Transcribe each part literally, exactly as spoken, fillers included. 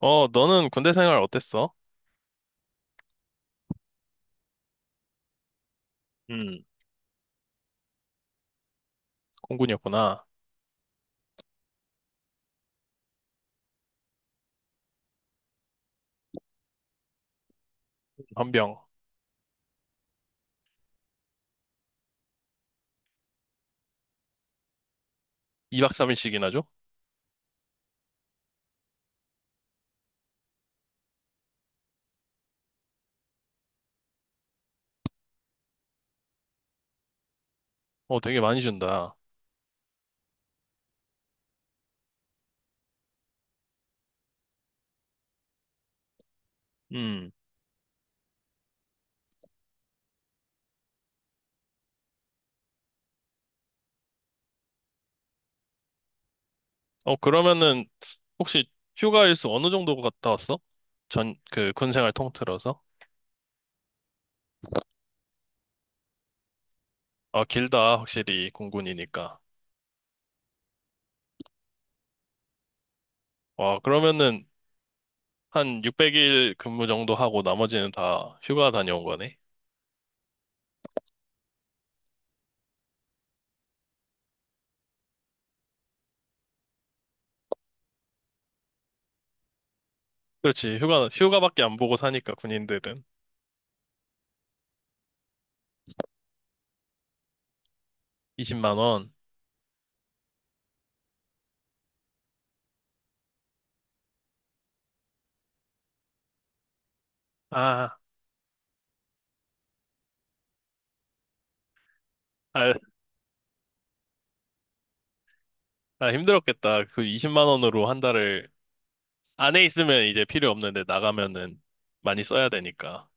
어, 너는 군대 생활 어땠어? 음. 공군이었구나. 헌병. 이 박 삼 일씩이나 줘? 어, 되게 많이 준다. 음. 어, 그러면은, 혹시 휴가 일수 어느 정도 갔다 왔어? 전, 그, 군 생활 통틀어서? 아, 길다. 확실히, 공군이니까. 와, 그러면은, 한 육백 일 근무 정도 하고 나머지는 다 휴가 다녀온 거네? 그렇지. 휴가, 휴가밖에 안 보고 사니까, 군인들은. 이십만 원. 아, 아, 아, 힘들었겠다. 그 이십만 원으로 한 달을 안에 있으면 이제 필요 없는데 나가면은 많이 써야 되니까.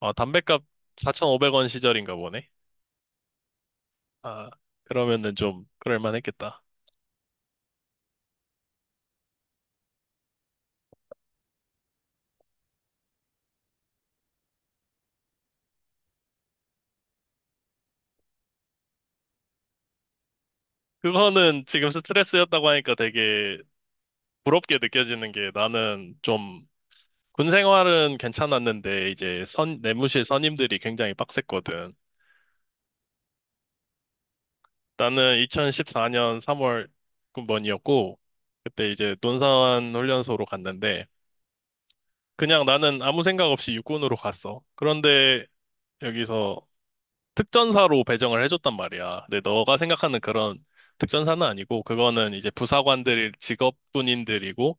아, 담뱃값 사천오백 원 시절인가 보네. 아, 그러면은 좀 그럴만 했겠다. 그거는 지금 스트레스였다고 하니까 되게 부럽게 느껴지는 게, 나는 좀 군 생활은 괜찮았는데 이제 선, 내무실 선임들이 굉장히 빡셌거든. 나는 이천십사 년 삼월 군번이었고, 그때 이제 논산 훈련소로 갔는데, 그냥 나는 아무 생각 없이 육군으로 갔어. 그런데 여기서 특전사로 배정을 해줬단 말이야. 근데 너가 생각하는 그런 특전사는 아니고, 그거는 이제 부사관들 직업군인들이고,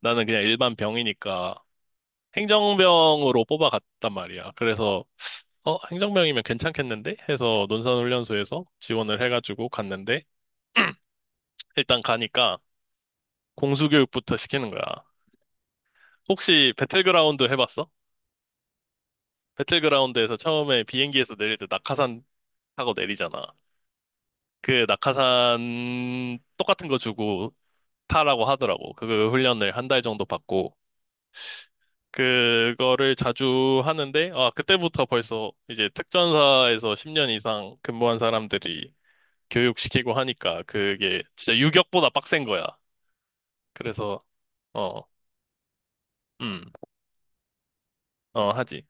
나는 그냥 일반 병이니까 행정병으로 뽑아갔단 말이야. 그래서, 어, 행정병이면 괜찮겠는데? 해서 논산 훈련소에서 지원을 해가지고 갔는데, 일단 가니까, 공수교육부터 시키는 거야. 혹시 배틀그라운드 해봤어? 배틀그라운드에서 처음에 비행기에서 내릴 때 낙하산 타고 내리잖아. 그 낙하산 똑같은 거 주고 타라고 하더라고. 그 훈련을 한 달 정도 받고. 그거를 자주 하는데, 아, 그때부터 벌써 이제 특전사에서 십 년 이상 근무한 사람들이 교육시키고 하니까 그게 진짜 유격보다 빡센 거야. 그래서, 어, 음, 어, 하지.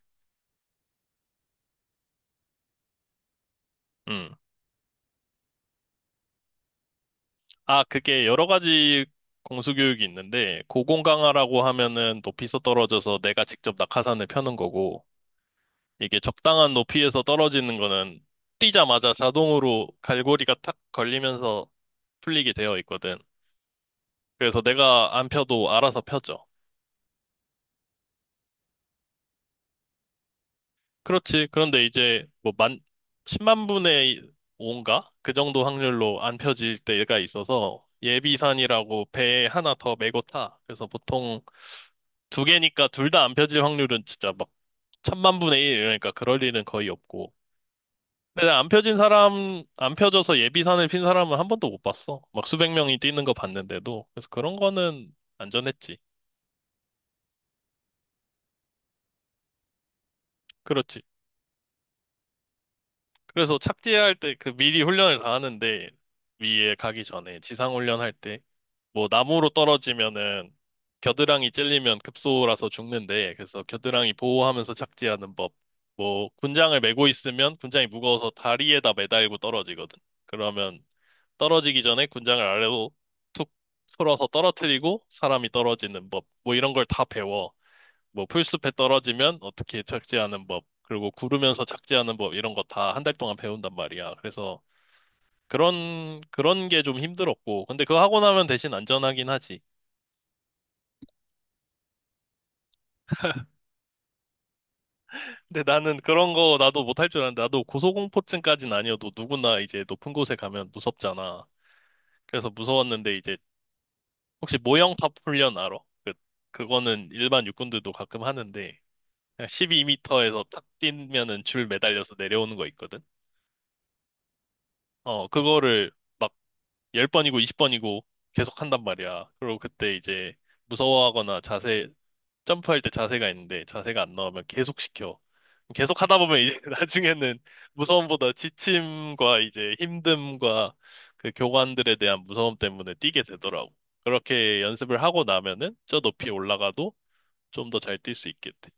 음. 아, 그게 여러 가지 공수교육이 있는데, 고공강화라고 하면은 높이서 떨어져서 내가 직접 낙하산을 펴는 거고, 이게 적당한 높이에서 떨어지는 거는 뛰자마자 자동으로 갈고리가 탁 걸리면서 풀리게 되어 있거든. 그래서 내가 안 펴도 알아서 펴져. 그렇지. 그런데 이제 뭐 만, 십만 분의 오인가? 그 정도 확률로 안 펴질 때가 있어서 예비산이라고 배에 하나 더 메고 타. 그래서 보통 두 개니까 둘 다 안 펴질 확률은 진짜 막 천만 분의 일 이러니까 그럴 일은 거의 없고. 근데 안 펴진 사람, 안 펴져서 예비산을 핀 사람은 한 번도 못 봤어. 막 수백 명이 뛰는 거 봤는데도. 그래서 그런 거는 안전했지. 그렇지. 그래서 착지할 때 그 미리 훈련을 다 하는데, 위에 가기 전에 지상 훈련할 때 뭐 나무로 떨어지면은 겨드랑이 찔리면 급소라서 죽는데, 그래서 겨드랑이 보호하면서 착지하는 법. 뭐 군장을 메고 있으면 군장이 무거워서 다리에다 매달고 떨어지거든. 그러면 떨어지기 전에 군장을 아래로 툭 풀어서 떨어뜨리고 사람이 떨어지는 법. 뭐 이런 걸 다 배워. 뭐 풀숲에 떨어지면 어떻게 착지하는 법, 그리고 구르면서 착지하는 법, 이런 거 다 한 달 동안 배운단 말이야. 그래서 그런 그런 게 좀 힘들었고, 근데 그거 하고 나면 대신 안전하긴 하지. 근데 나는 그런 거 나도 못할 줄 알았는데, 나도 고소공포증까진 아니어도 누구나 이제 높은 곳에 가면 무섭잖아. 그래서 무서웠는데, 이제 혹시 모형탑 훈련 알아? 그 그거는 일반 육군들도 가끔 하는데 십이 미터에서 탁 뛰면은 줄 매달려서 내려오는 거 있거든. 어, 그거를 막 열 번이고 이십 번이고 계속 한단 말이야. 그리고 그때 이제 무서워하거나 자세, 점프할 때 자세가 있는데 자세가 안 나오면 계속 시켜. 계속 하다 보면 이제 나중에는 무서움보다 지침과 이제 힘듦과 그 교관들에 대한 무서움 때문에 뛰게 되더라고. 그렇게 연습을 하고 나면은 저 높이 올라가도 좀 더 잘 뛸 수 있겠대.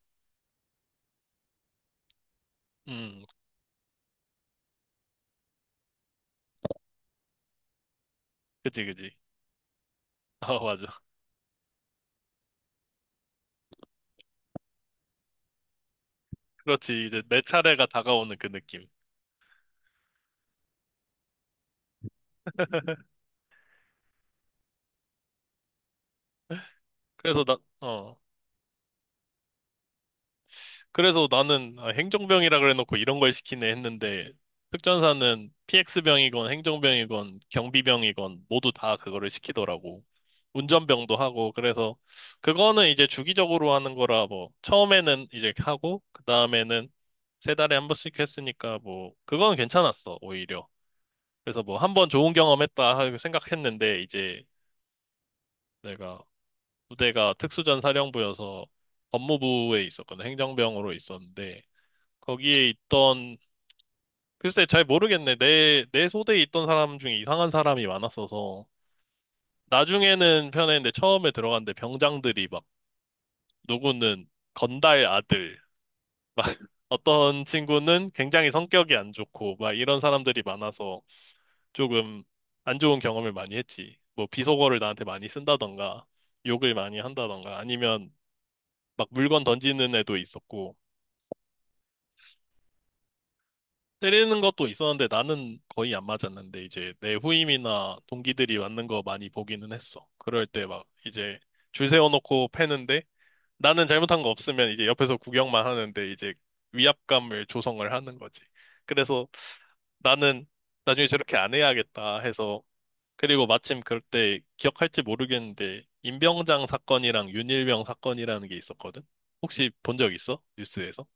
음, 그지, 그지. 아, 맞아. 그렇지. 이제 내 차례가 다가오는 그 느낌. 그래서 나, 어. 그래서 나는, 아, 행정병이라 그래놓고 이런 걸 시키네 했는데, 특전사는 피엑스 병이건 행정병이건 경비병이건 모두 다 그거를 시키더라고. 운전병도 하고 그래서, 그거는 이제 주기적으로 하는 거라 뭐 처음에는 이제 하고 그 다음에는 세 달에 한 번씩 했으니까 뭐 그건 괜찮았어 오히려. 그래서 뭐 한 번 좋은 경험했다 하고 생각했는데, 이제 내가 부대가 특수전 사령부여서 법무부에 있었거든, 행정병으로 있었는데. 거기에 있던, 글쎄 잘 모르겠네. 내, 내 소대에 있던 사람 중에 이상한 사람이 많았어서. 나중에는 편했는데 처음에 들어갔는데 병장들이 막, 누구는 건달 아들, 어떤 친구는 굉장히 성격이 안 좋고, 막 이런 사람들이 많아서 조금 안 좋은 경험을 많이 했지. 뭐 비속어를 나한테 많이 쓴다던가, 욕을 많이 한다던가, 아니면 막 물건 던지는 애도 있었고, 때리는 것도 있었는데 나는 거의 안 맞았는데 이제 내 후임이나 동기들이 맞는 거 많이 보기는 했어. 그럴 때 막 이제 줄 세워놓고 패는데, 나는 잘못한 거 없으면 이제 옆에서 구경만 하는데 이제 위압감을 조성을 하는 거지. 그래서 나는 나중에 저렇게 안 해야겠다 해서. 그리고 마침 그때, 기억할지 모르겠는데, 임병장 사건이랑 윤일병 사건이라는 게 있었거든. 혹시 본 적 있어? 뉴스에서?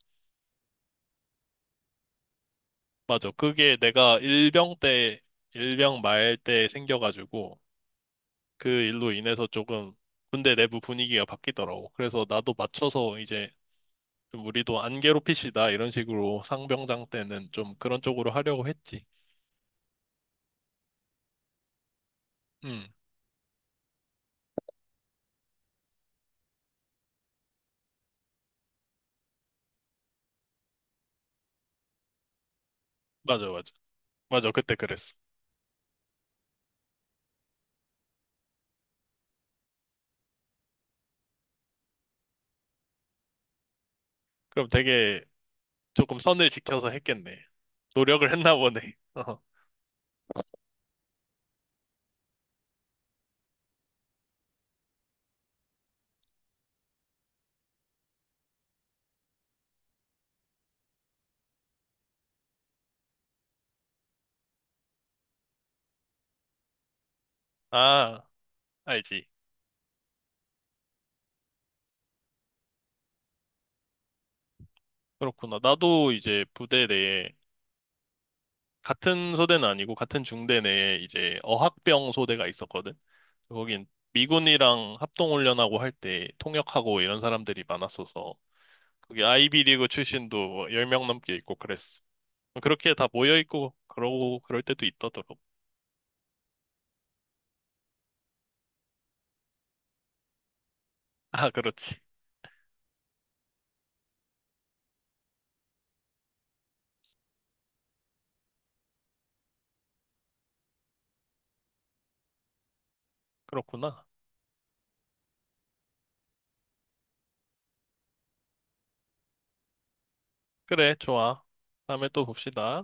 맞아. 그게 내가 일병 때, 일병 말 때 생겨가지고, 그 일로 인해서 조금 군대 내부 분위기가 바뀌더라고. 그래서 나도 맞춰서 이제 좀 우리도 안 괴롭히시다, 이런 식으로 상병장 때는 좀 그런 쪽으로 하려고 했지. 음, 맞아, 맞아. 맞아, 그때 그랬어. 그럼 되게 조금 선을 지켜서 했겠네. 노력을 했나 보네. 어. 아, 알지. 그렇구나. 나도 이제 부대 내에 같은 소대는 아니고 같은 중대 내에 이제 어학병 소대가 있었거든. 거긴 미군이랑 합동훈련하고 할 때 통역하고 이런 사람들이 많았어서, 거기 아이비리그 출신도 열 명 넘게 있고 그랬어. 그렇게 다 모여 있고 그러고 그럴 때도 있더라고. 아, 그렇지. 그렇구나. 그래, 좋아. 다음에 또 봅시다.